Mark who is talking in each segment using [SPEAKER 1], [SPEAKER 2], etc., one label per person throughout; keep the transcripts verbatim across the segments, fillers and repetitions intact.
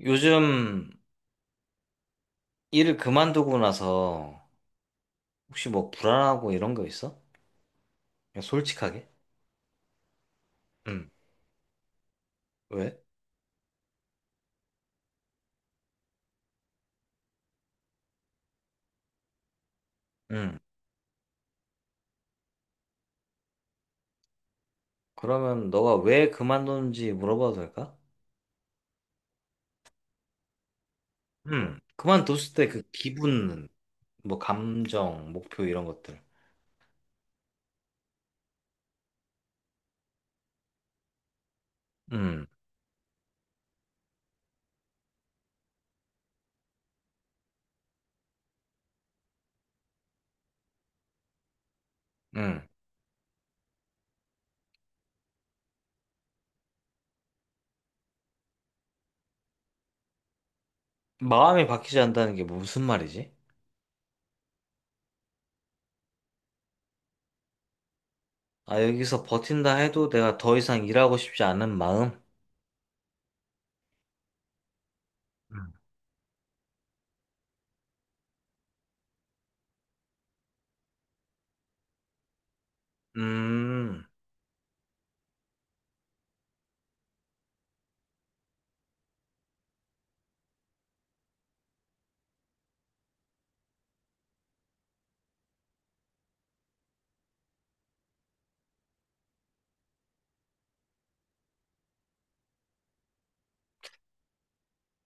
[SPEAKER 1] 요즘 일을 그만두고 나서 혹시 뭐 불안하고 이런 거 있어? 그냥 솔직하게? 응. 왜? 응. 그러면 너가 왜 그만뒀는지 물어봐도 될까? 응. 그만뒀을 때 그 기분, 뭐 감정, 목표 이런 것들. 응. 응. 마음이 바뀌지 않는다는 게 무슨 말이지? 아, 여기서 버틴다 해도 내가 더 이상 일하고 싶지 않은 마음? 음. 음.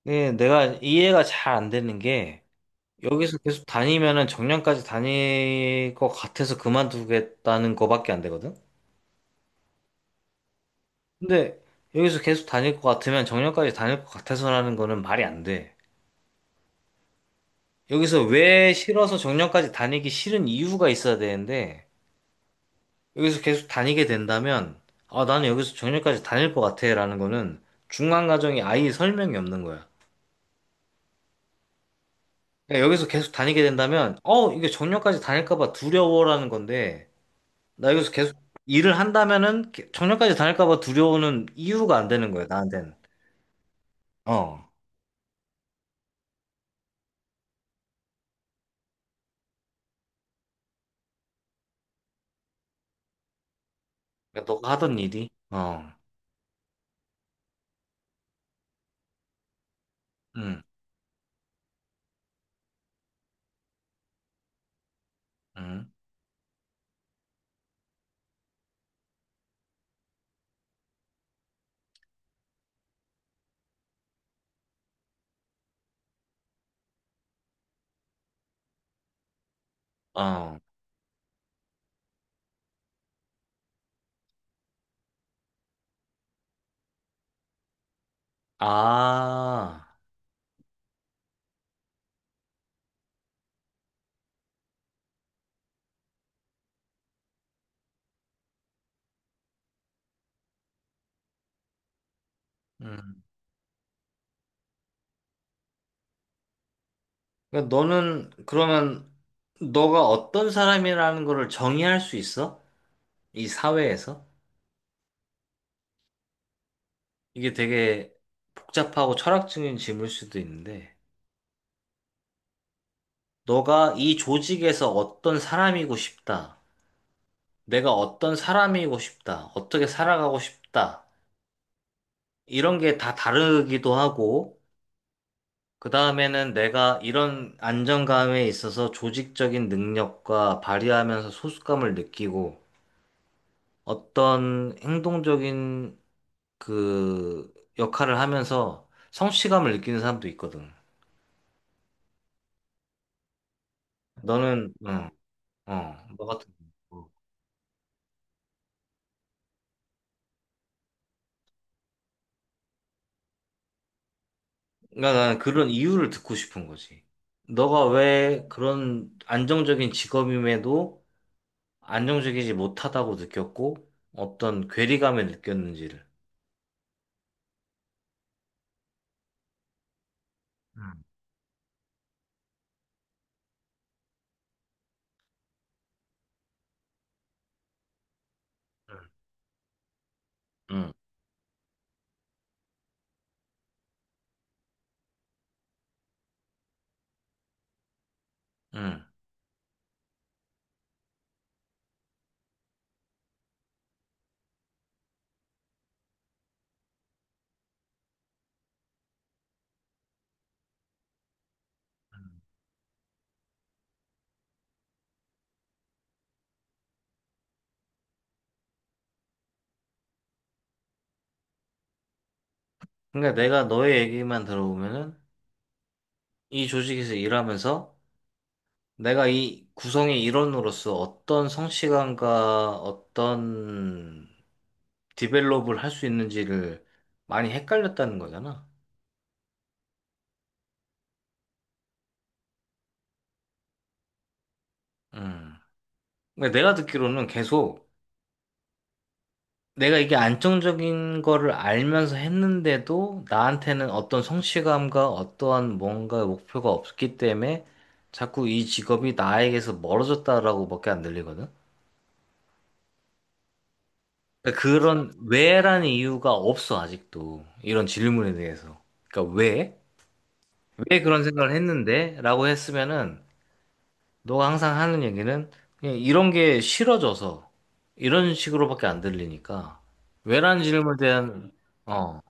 [SPEAKER 1] 네, 내가 이해가 잘 안 되는 게 여기서 계속 다니면은 정년까지 다닐 것 같아서 그만두겠다는 거밖에 안 되거든? 근데 여기서 계속 다닐 것 같으면 정년까지 다닐 것 같아서라는 거는 말이 안 돼. 여기서 왜 싫어서 정년까지 다니기 싫은 이유가 있어야 되는데, 여기서 계속 다니게 된다면, 아, 나는 여기서 정년까지 다닐 것 같아. 라는 거는 중간 과정이 아예 설명이 없는 거야. 그러니까 여기서 계속 다니게 된다면, 어, 이게 정년까지 다닐까 봐 두려워라는 건데, 나 여기서 계속 일을 한다면은 개- 정년까지 다닐까 봐 두려우는 이유가 안 되는 거야, 나한테는. 어. 그러니까 너가 하던 일이. 어. 응. 응. 어. 아. 음. 그러니까 너는 그러면 너가 어떤 사람이라는 거를 정의할 수 있어? 이 사회에서? 이게 되게 복잡하고 철학적인 질문일 수도 있는데 너가 이 조직에서 어떤 사람이고 싶다. 내가 어떤 사람이고 싶다. 어떻게 살아가고 싶다. 이런 게 다 다르기도 하고, 그 다음에는 내가 이런 안정감에 있어서 조직적인 능력과 발휘하면서 소속감을 느끼고, 어떤 행동적인 그 역할을 하면서 성취감을 느끼는 사람도 있거든. 너는, 어 어, 너 같은 경우. 그러니까 나는 그런 이유를 듣고 싶은 거지. 너가 왜 그런 안정적인 직업임에도 안정적이지 못하다고 느꼈고, 어떤 괴리감을 느꼈는지를. 음, 응, 응. 그러니까 내가 너의 얘기만 들어보면은 이 조직에서 일하면서 내가 이 구성의 일원으로서 어떤 성취감과 어떤 디벨롭을 할 수 있는지를 많이 헷갈렸다는 거잖아. 응. 근데 내가 듣기로는 계속 내가 이게 안정적인 거를 알면서 했는데도 나한테는 어떤 성취감과 어떠한 뭔가 목표가 없기 때문에 자꾸 이 직업이 나에게서 멀어졌다라고밖에 안 들리거든. 그러니까 그런 왜라는 이유가 없어, 아직도. 이런 질문에 대해서. 그러니까 왜? 왜 그런 생각을 했는데? 라고 했으면은 너가 항상 하는 얘기는 그냥 이런 게 싫어져서 이런 식으로밖에 안 들리니까 왜라는 질문에 대한 어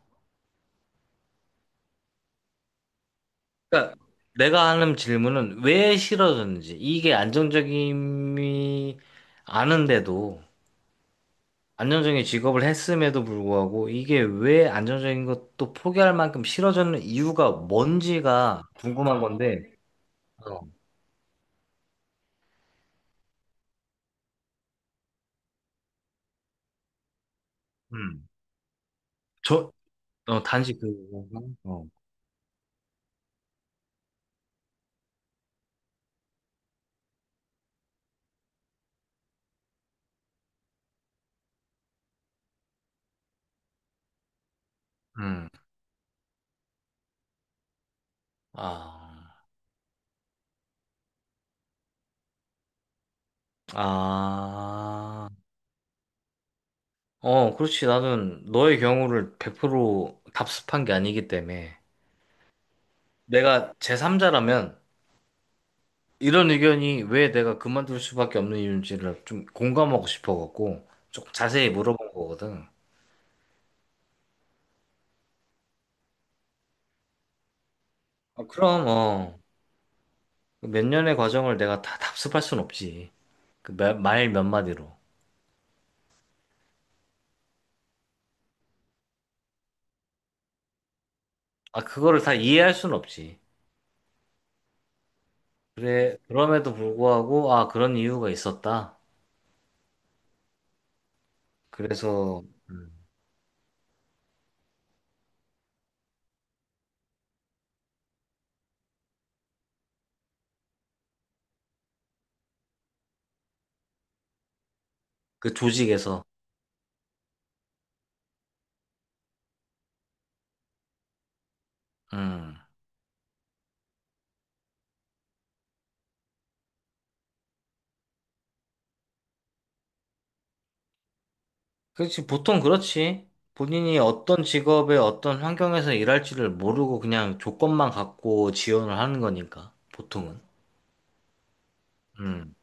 [SPEAKER 1] 그러니까 내가 하는 질문은 왜 싫어졌는지 이게 안정적임이 아는데도 안정적인 직업을 했음에도 불구하고 이게 왜 안정적인 것도 포기할 만큼 싫어졌는 이유가 뭔지가 궁금한 건데, 어, 음, 저, 어, 단지 그, 어, 음, 아, 아, 어, 그렇지. 나는 너의 경우를 백 프로 답습한 게 아니기 때문에 내가 제삼 자라면 이런 의견이 왜 내가 그만둘 수밖에 없는 이유인지를 좀 공감하고 싶어갖고 조금 자세히 물어본 거거든. 어, 그럼, 어. 몇 년의 과정을 내가 다 답습할 순 없지. 말 몇 마디로. 아, 그거를 다 이해할 순 없지. 그래, 그럼에도 불구하고, 아, 그런 이유가 있었다. 그래서 그 조직에서, 음. 그렇지, 보통 그렇지. 본인이 어떤 직업에 어떤 환경에서 일할지를 모르고 그냥 조건만 갖고 지원을 하는 거니까, 보통은. 음.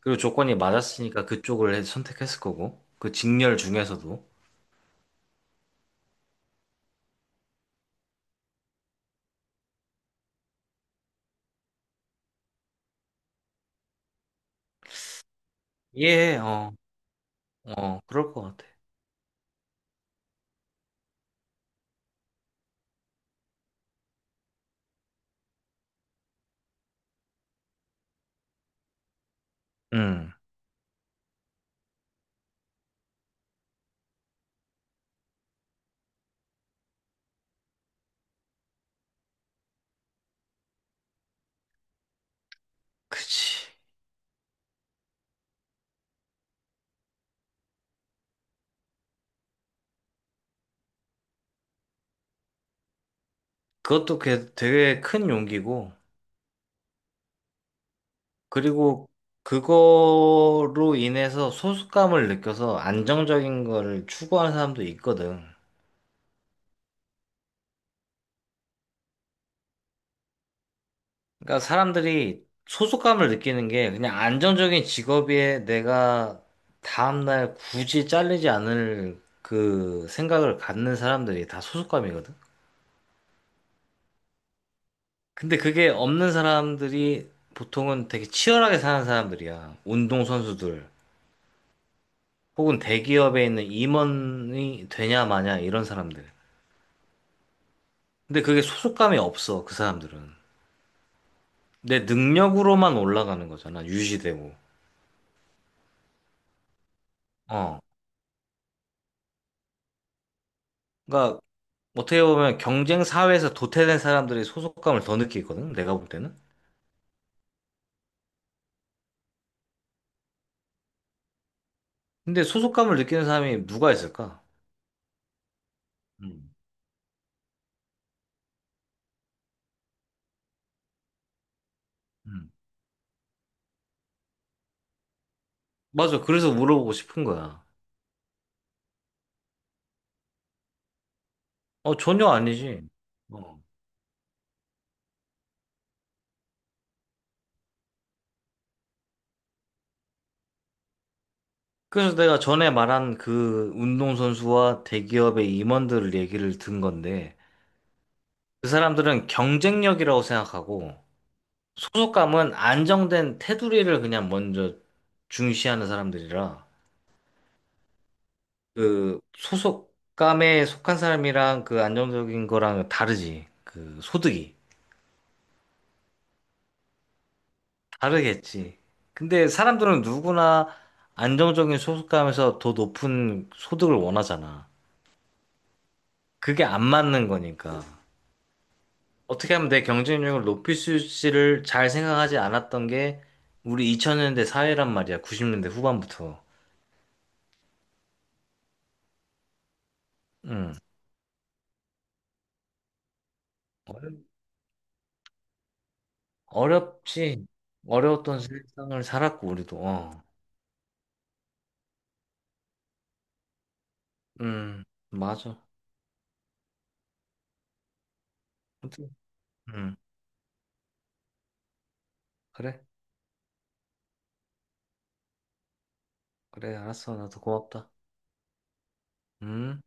[SPEAKER 1] 그리고 조건이 맞았으니까 그쪽을 해- 선택했을 거고, 그 직렬 중에서도. 예, 어, 어, 그럴 것 같아. 음. 그치. 그것도 게- 되게 큰 용기고, 그리고 그거로 인해서 소속감을 느껴서 안정적인 거를 추구하는 사람도 있거든. 그러니까 사람들이 소속감을 느끼는 게 그냥 안정적인 직업에 내가 다음날 굳이 잘리지 않을 그 생각을 갖는 사람들이 다 소속감이거든. 근데 그게 없는 사람들이 보통은 되게 치열하게 사는 사람들이야. 운동선수들. 혹은 대기업에 있는 임원이 되냐 마냐 이런 사람들. 근데 그게 소속감이 없어, 그 사람들은. 내 능력으로만 올라가는 거잖아, 유지되고. 어. 그러니까 어떻게 보면 경쟁 사회에서 도태된 사람들이 소속감을 더 느끼거든, 내가 볼 때는. 근데 소속감을 느끼는 사람이 누가 있을까? 음. 음. 맞아. 그래서 물어보고 싶은 거야. 어, 전혀 아니지. 어. 그래서 내가 전에 말한 그 운동선수와 대기업의 임원들을 얘기를 든 건데, 그 사람들은 경쟁력이라고 생각하고 소속감은 안정된 테두리를 그냥 먼저 중시하는 사람들이라 그 소속감에 속한 사람이랑 그 안정적인 거랑 다르지. 그 소득이 다르겠지. 근데 사람들은 누구나 안정적인 소속감에서 더 높은 소득을 원하잖아. 그게 안 맞는 거니까. 어떻게 하면 내 경쟁력을 높일 수 있을지를 잘 생각하지 않았던 게 우리 이천 년대 사회란 말이야. 구십 년대 후반부터. 음. 어려- 어렵지. 어려웠던 세상을 살았고, 우리도. 어. 음, 맞아. 아무튼, 음, 그래. 그래, 알았어. 나도 고맙다. 음.